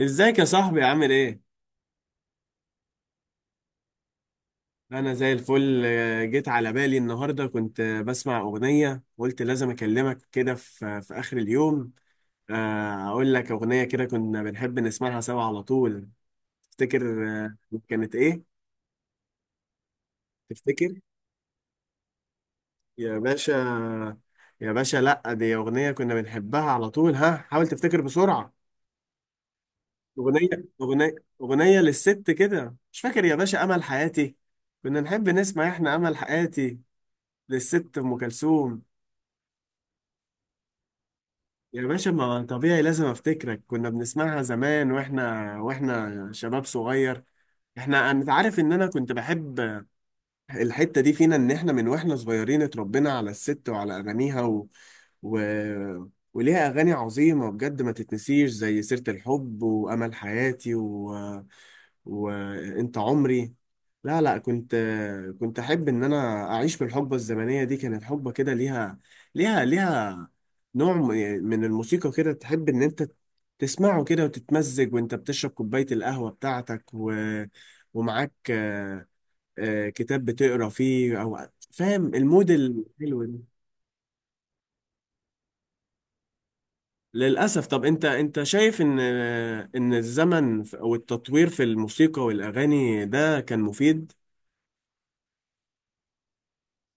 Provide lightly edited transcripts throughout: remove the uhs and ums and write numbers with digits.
ازيك يا صاحبي عامل ايه؟ انا زي الفل، جيت على بالي النهارده. كنت بسمع اغنية قلت لازم اكلمك كده في اخر اليوم. اقول لك اغنية كده كنا بنحب نسمعها سوا على طول. تفتكر؟ كانت ايه؟ تفتكر يا باشا. يا باشا، لا، دي اغنية كنا بنحبها على طول، ها حاول تفتكر بسرعة. اغنية، اغنية، اغنية للست كده، مش فاكر يا باشا؟ امل حياتي. كنا نحب نسمع احنا امل حياتي للست ام كلثوم. يا باشا ما طبيعي لازم افتكرك، كنا بنسمعها زمان واحنا شباب صغير. احنا انت عارف ان انا كنت بحب الحتة دي فينا، إن إحنا من وإحنا صغيرين اتربينا على الست وعلى أغانيها و... وليها أغاني عظيمة بجد ما تتنسيش، زي سيرة الحب وأمل حياتي وأنت عمري. لا، لا، كنت أحب إن أنا أعيش بالحقبة الزمنية دي. كانت حقبة كده ليها، ليها نوع من الموسيقى كده، تحب إن أنت تسمعه كده وتتمزج، وأنت بتشرب كوباية القهوة بتاعتك ومعاك كتاب بتقرا فيه، او فاهم المود الحلو ده؟ للاسف. طب انت، انت شايف ان، ان الزمن او التطوير في الموسيقى والاغاني ده كان مفيد؟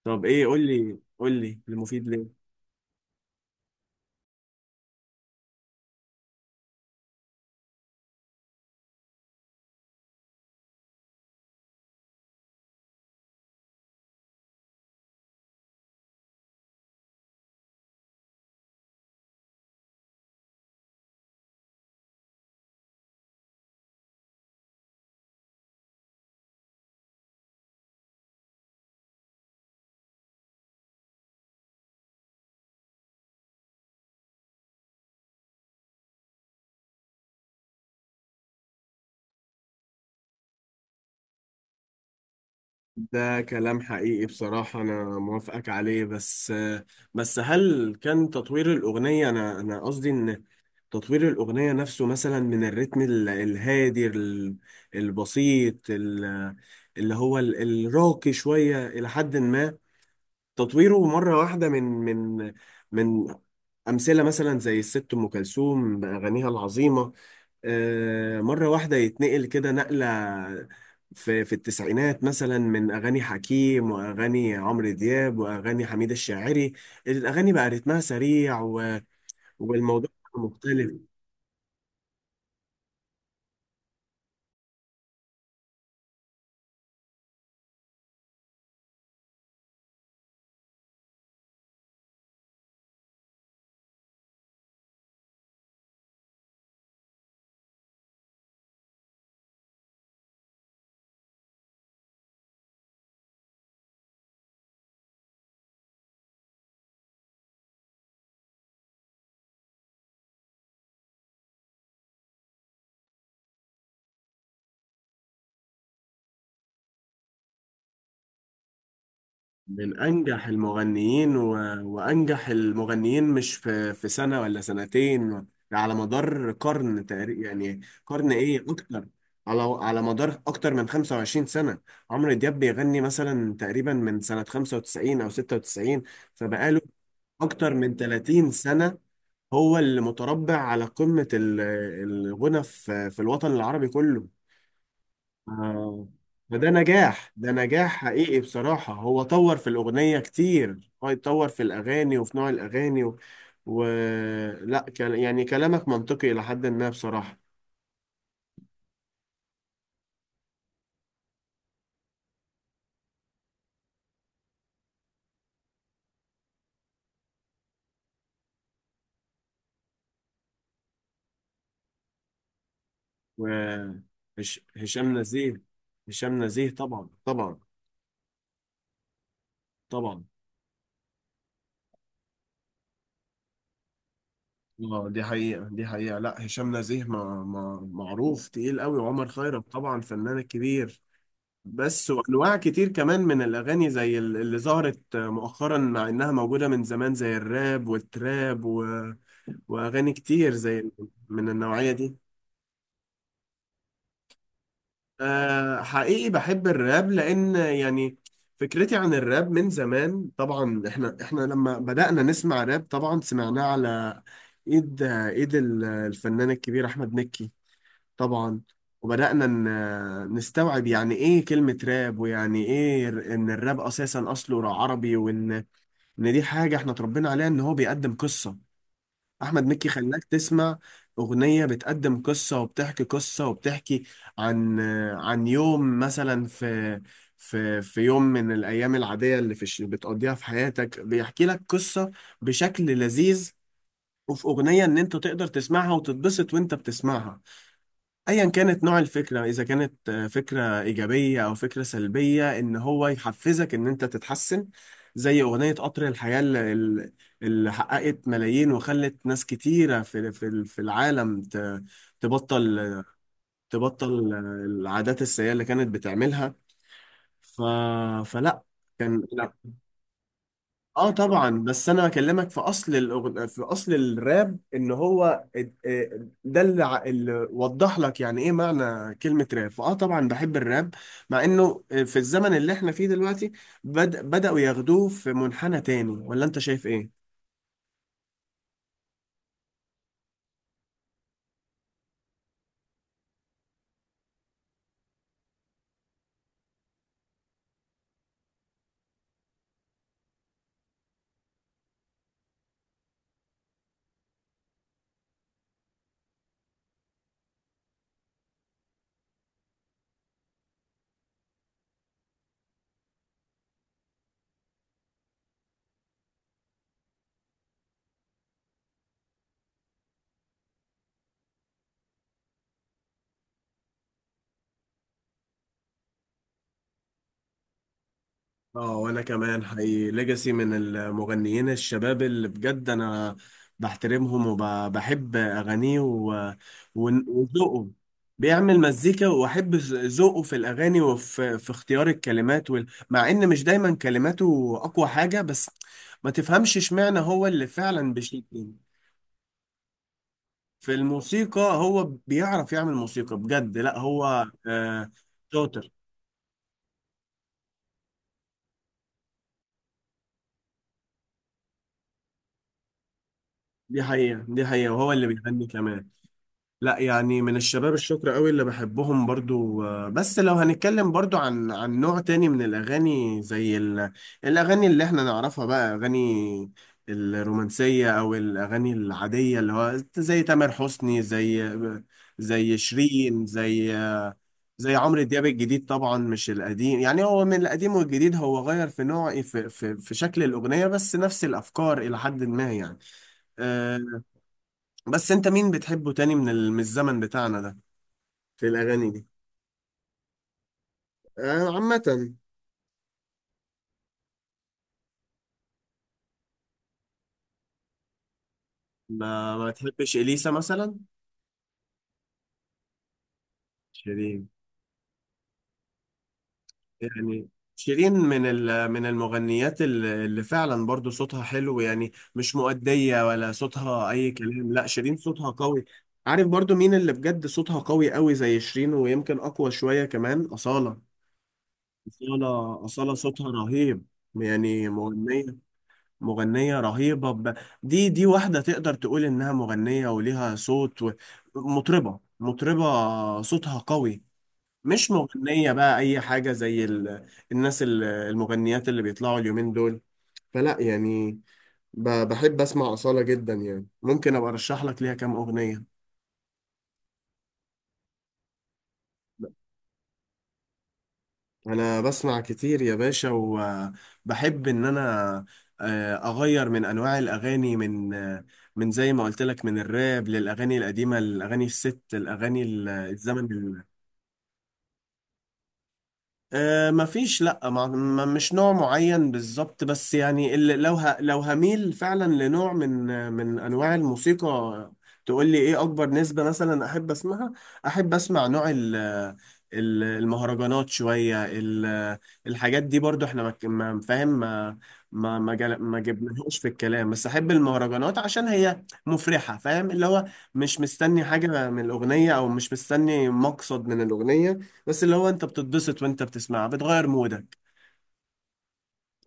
طب ايه، قول لي، قول لي المفيد ليه؟ ده كلام حقيقي بصراحة، أنا موافقك عليه، بس، هل كان تطوير الأغنية؟ أنا قصدي إن تطوير الأغنية نفسه، مثلا من الريتم الهادي، البسيط، اللي هو الراقي شوية إلى حد ما، تطويره مرة واحدة، من أمثلة، مثلا زي الست أم كلثوم بأغانيها العظيمة، مرة واحدة يتنقل كده نقلة في التسعينات، مثلا من أغاني حكيم وأغاني عمرو دياب وأغاني حميد الشاعري، الأغاني بقى رتمها سريع، والموضوع مختلف. من أنجح المغنيين وأنجح المغنيين، مش في سنة ولا سنتين، على مدار قرن تقريبا، يعني قرن، إيه أكتر، على مدار أكتر من 25 سنة. عمرو دياب بيغني مثلا تقريبا من سنة 95 أو 96، فبقاله أكتر من 30 سنة. هو اللي متربع على قمة الغنى في الوطن العربي كله. آه. فده نجاح، ده نجاح حقيقي بصراحة. هو طور في الأغنية كتير، هو يتطور في الأغاني وفي نوع الأغاني و... لا، كان يعني كلامك منطقي إلى حد ما بصراحة. و... هشام نزيه. هشام نزيه، طبعا طبعا طبعا. اه، دي حقيقة، دي حقيقة. لا، هشام نزيه ما... ما... معروف تقيل قوي، وعمر خيرت طبعا فنان كبير. بس وانواع كتير كمان من الاغاني زي اللي ظهرت مؤخرا، مع انها موجوده من زمان، زي الراب والتراب واغاني كتير زي من النوعيه دي. أه، حقيقي بحب الراب، لان يعني فكرتي عن الراب من زمان. طبعا احنا لما بدأنا نسمع راب طبعا سمعناه على ايد الفنان الكبير احمد مكي طبعا. وبدأنا نستوعب يعني ايه كلمة راب، ويعني ايه، ان الراب اساسا اصله عربي، وان، دي حاجة احنا اتربينا عليها، ان هو بيقدم قصة. احمد مكي خلاك تسمع اغنية بتقدم قصة، وبتحكي قصة، وبتحكي عن، عن يوم مثلا في يوم من الايام العادية اللي بتقضيها في حياتك، بيحكي لك قصة بشكل لذيذ. وفي اغنية ان انت تقدر تسمعها وتتبسط وانت بتسمعها، ايا كانت نوع الفكره، اذا كانت فكره ايجابيه او فكره سلبيه، ان هو يحفزك ان انت تتحسن. زي اغنيه قطر الحياه اللي حققت ملايين وخلت ناس كتيره في العالم تبطل، تبطل آه، العادات السيئه اللي كانت بتعملها. ف فلا كان. اه طبعا، بس انا بكلمك في اصل في اصل الراب، ان هو، ده اللي وضح لك يعني ايه معنى كلمة راب. فاه طبعا بحب الراب، مع انه في الزمن اللي احنا فيه دلوقتي بدأوا ياخدوه في منحنى تاني، ولا انت شايف ايه؟ اه، وانا كمان حقيقي، ليجاسي من المغنيين الشباب اللي بجد انا بحترمهم وبحب اغانيه وذوقه. بيعمل مزيكا، واحب ذوقه في الاغاني وفي اختيار الكلمات مع ان مش دايما كلماته اقوى حاجة، بس ما تفهمش اشمعنى هو اللي فعلا بيشيل في الموسيقى. هو بيعرف يعمل موسيقى بجد، لا هو شاطر. دي حقيقة، دي حقيقة، وهو اللي بيغني كمان. لا يعني من الشباب الشكر قوي اللي بحبهم برضو، بس لو هنتكلم برضو عن، نوع تاني من الأغاني، زي الأغاني اللي احنا نعرفها بقى، أغاني الرومانسية أو الأغاني العادية، اللي هو زي تامر حسني، زي، شيرين، زي، عمرو دياب الجديد طبعا، مش القديم. يعني هو من القديم والجديد، هو غير في نوع، في شكل الأغنية، بس نفس الأفكار إلى حد ما يعني. آه، بس أنت مين بتحبه تاني من من الزمن بتاعنا ده؟ في الأغاني دي. عامة. ما تحبش إليسا مثلا؟ شيرين. يعني شيرين من من المغنيات اللي فعلا برضو صوتها حلو، يعني مش مؤدية ولا صوتها أي كلام، لا شيرين صوتها قوي. عارف برضو مين اللي بجد صوتها قوي قوي زي شيرين، ويمكن أقوى شوية كمان؟ أصالة. أصالة، أصالة صوتها رهيب، يعني مغنية، رهيبة، دي واحدة تقدر تقول إنها مغنية وليها صوت مطربة، مطربة صوتها قوي، مش مغنية بقى أي حاجة زي الناس، المغنيات اللي بيطلعوا اليومين دول. فلا يعني، بحب أسمع أصالة جدا، يعني ممكن أبقى أرشح لك ليها كام أغنية. انا بسمع كتير يا باشا، وبحب ان انا اغير من انواع الاغاني، من من زي ما قلت لك، من الراب للاغاني القديمه، الاغاني الست، الاغاني الزمن. آه، مفيش، لا، مش نوع معين بالظبط، بس يعني اللي، لو هميل فعلا لنوع من انواع الموسيقى، تقول لي ايه اكبر نسبة مثلا احب اسمعها؟ احب اسمع نوع المهرجانات شوية، الحاجات دي برضو، احنا ما ك- ما- فاهم، ما ما ما جل- ما جبناهوش في الكلام، بس احب المهرجانات عشان هي مفرحة. فاهم اللي هو، مش مستني حاجة من الأغنية، او مش مستني مقصد من الأغنية، بس اللي هو انت بتتبسط وانت بتسمعها، بتغير مودك.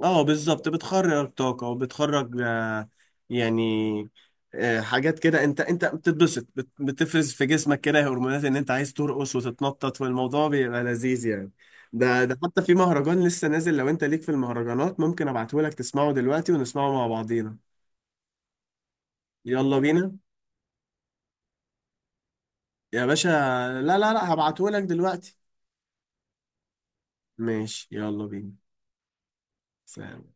اه بالظبط، بتخرج طاقة، وبتخرج يعني، حاجات كده، انت بتتبسط، بتفرز في جسمك كده هرمونات ان انت عايز ترقص وتتنطط، والموضوع بيبقى لذيذ يعني. ده، حتى في مهرجان لسه نازل، لو انت ليك في المهرجانات ممكن ابعتهولك تسمعه دلوقتي ونسمعه مع بعضينا. يلا بينا يا باشا. لا، لا، لا، هبعتهولك دلوقتي. ماشي، يلا بينا. سلام.